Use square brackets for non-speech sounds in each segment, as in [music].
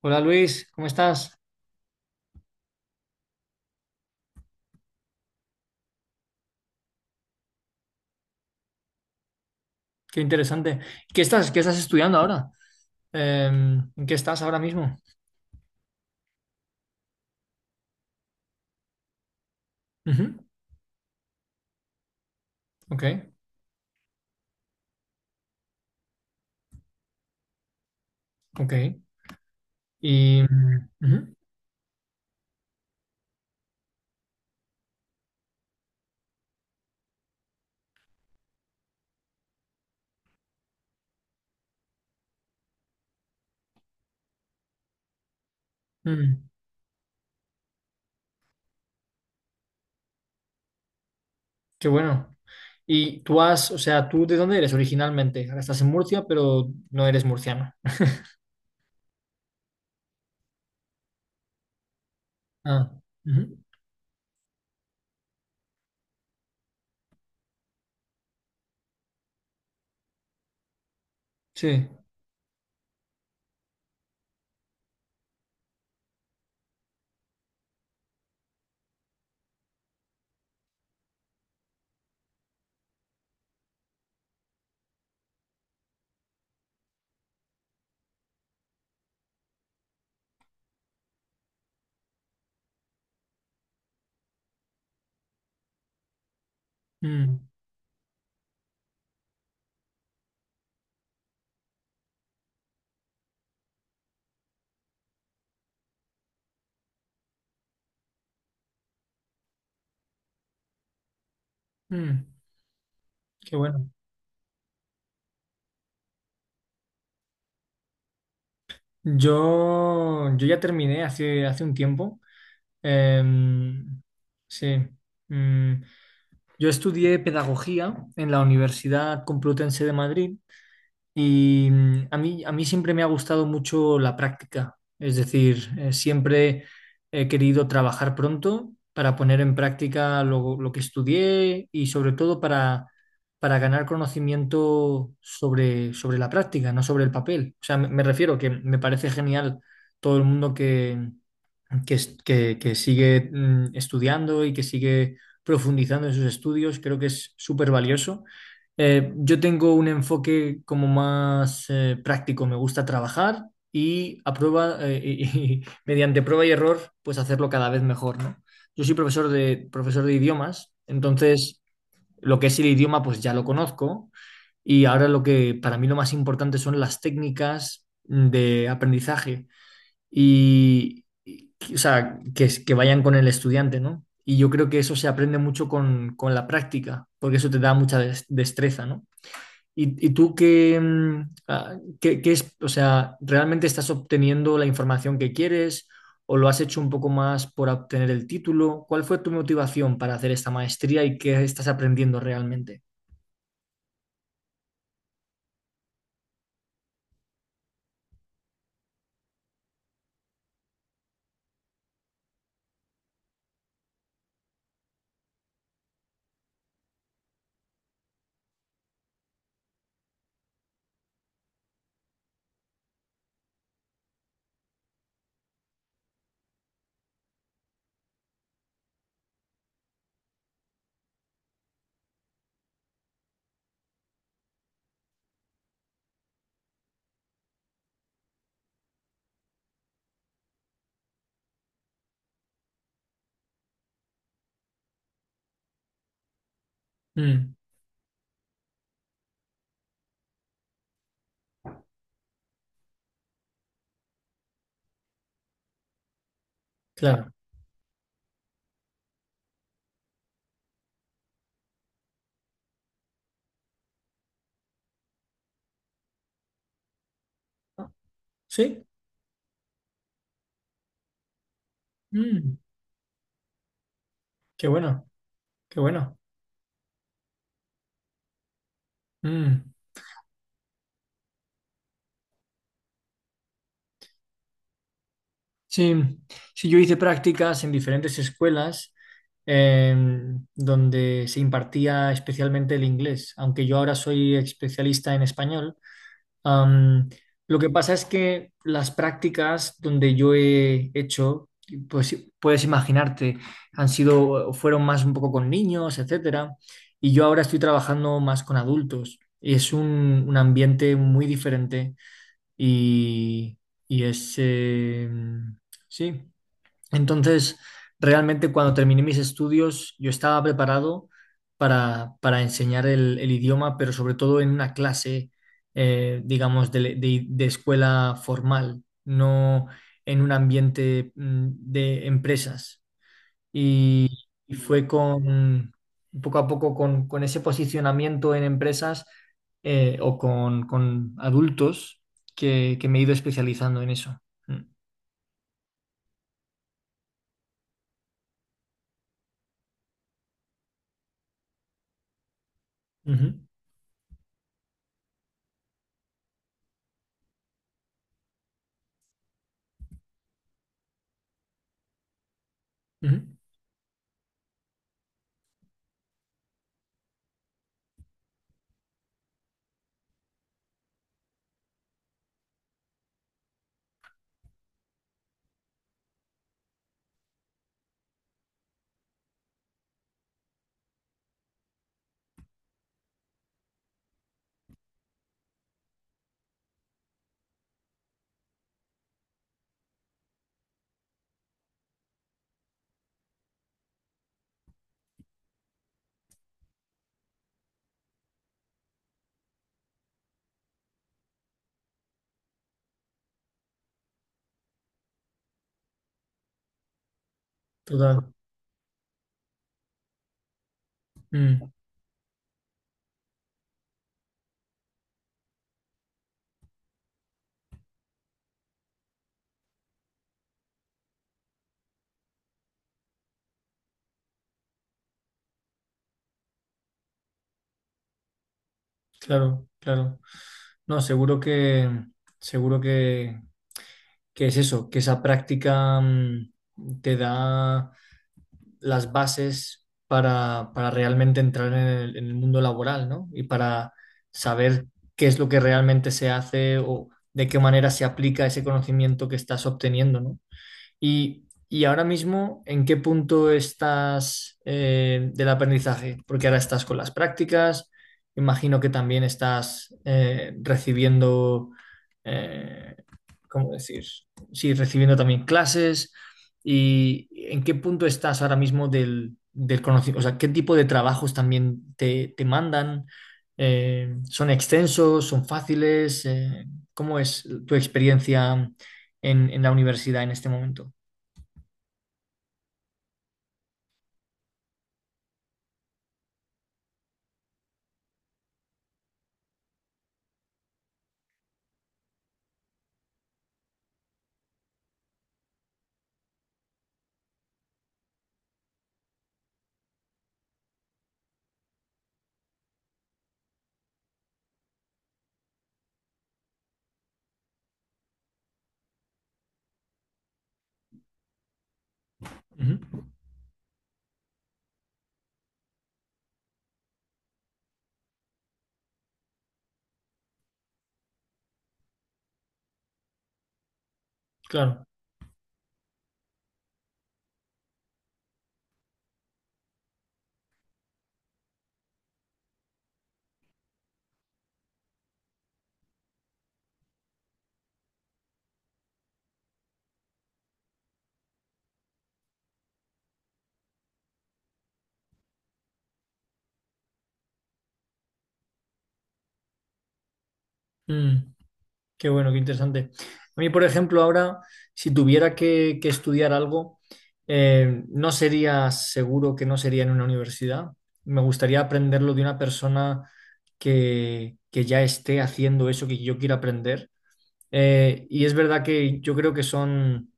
Hola Luis, ¿cómo estás? Qué interesante. ¿Qué estás estudiando ahora? Eh, ¿En qué estás ahora mismo? Ujú. Ok, ok. Y ujú. Mm, qué bueno. O sea, ¿tú de dónde eres originalmente? Ahora estás en Murcia, pero no eres murciano. Ah, ujú. Sí. Mm. Mm, qué bueno. Yo ya terminé hace un tiempo. Em, sí. Mm. Yo estudié pedagogía en la Universidad Complutense de Madrid y a mí siempre me ha gustado mucho la práctica, es decir, siempre he querido trabajar pronto para poner en práctica lo que estudié y sobre todo para ganar conocimiento sobre la práctica, no sobre el papel. O sea, me refiero que me parece genial todo el mundo que sigue estudiando y que sigue profundizando en sus estudios, creo que es súper valioso. Yo tengo un enfoque como más práctico, me gusta trabajar y a prueba, y [laughs] mediante prueba y error, pues hacerlo cada vez mejor, ¿no? Yo soy profesor de idiomas, entonces lo que es el idioma pues ya lo conozco, y ahora lo que para mí lo más importante son las técnicas de aprendizaje y- o sea, que, es- que vayan con el estudiante, ¿no? Y yo creo que eso se aprende mucho con la práctica, porque eso te da mucha destreza, ¿no? Y tú qué, mm, ah, qué- qué es, o sea, realmente estás obteniendo la información que quieres o lo has hecho un poco más por obtener el título? ¿Cuál fue tu motivación para hacer esta maestría y qué estás aprendiendo realmente? Mm, claro. Sí. Mm, qué bueno, qué bueno. Mm. Sí, sí, yo hice prácticas en diferentes escuelas, donde se impartía especialmente el inglés, aunque yo ahora soy especialista en español. Am, lo que pasa es que las prácticas donde yo he hecho, pues puedes imaginarte, fueron más un poco con niños, etcétera, y yo ahora estoy trabajando más con adultos. Y es un ambiente muy diferente y, y sí, entonces, realmente cuando terminé mis estudios, yo estaba preparado para enseñar el idioma, pero sobre todo en una clase, digamos, de escuela formal, no en un ambiente de empresas. Y, y fue con, poco a poco, con ese posicionamiento en empresas, o con adultos que me he ido especializando en eso. Mm. Ujú, ujú, total. Mm. Claro, claro. No, seguro que es eso, que esa práctica te da las bases para realmente entrar en el mundo laboral, ¿no? Y para saber qué es lo que realmente se hace o de qué manera se aplica ese conocimiento que estás obteniendo, ¿no? Y ahora mismo, ¿en qué punto estás del aprendizaje? Porque ahora estás con las prácticas, imagino que también estás recibiendo, eh, ¿cómo decir? Sí, recibiendo también clases. ¿Y en qué punto estás ahora mismo del conocimiento? O sea, ¿qué tipo de trabajos también te mandan? ¿Son extensos? ¿Son fáciles? ¿Cómo es tu experiencia en la universidad en este momento? Ujú. Claro. Mm, qué bueno, qué interesante. A mí, por ejemplo, ahora, si tuviera que estudiar algo, no sería, seguro que no sería en una universidad. Me gustaría aprenderlo de una persona que ya esté haciendo eso que yo quiero aprender. Y es verdad que yo creo que son...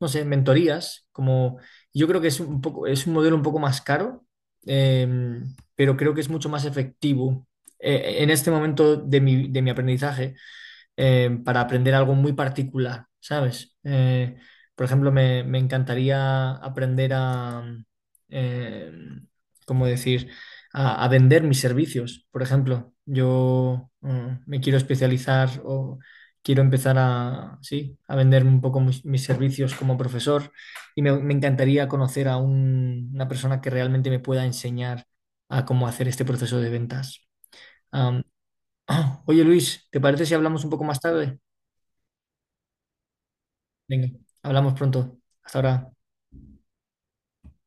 no sé, mentorías, como yo creo que es un poco, es un modelo un poco más caro, eh, pero creo que es mucho más efectivo. En este momento de mi aprendizaje, para aprender algo muy particular, ¿sabes? Por ejemplo, me encantaría aprender eh, ¿cómo decir? A vender mis servicios, por ejemplo. Yo me quiero especializar o quiero empezar a, sí, a vender un poco mis servicios como profesor y me encantaría conocer a una persona que realmente me pueda enseñar a cómo hacer este proceso de ventas. Am, [clears throat] oye Luis, ¿te parece si hablamos un poco más tarde? Venga, hablamos pronto. Hasta ahora.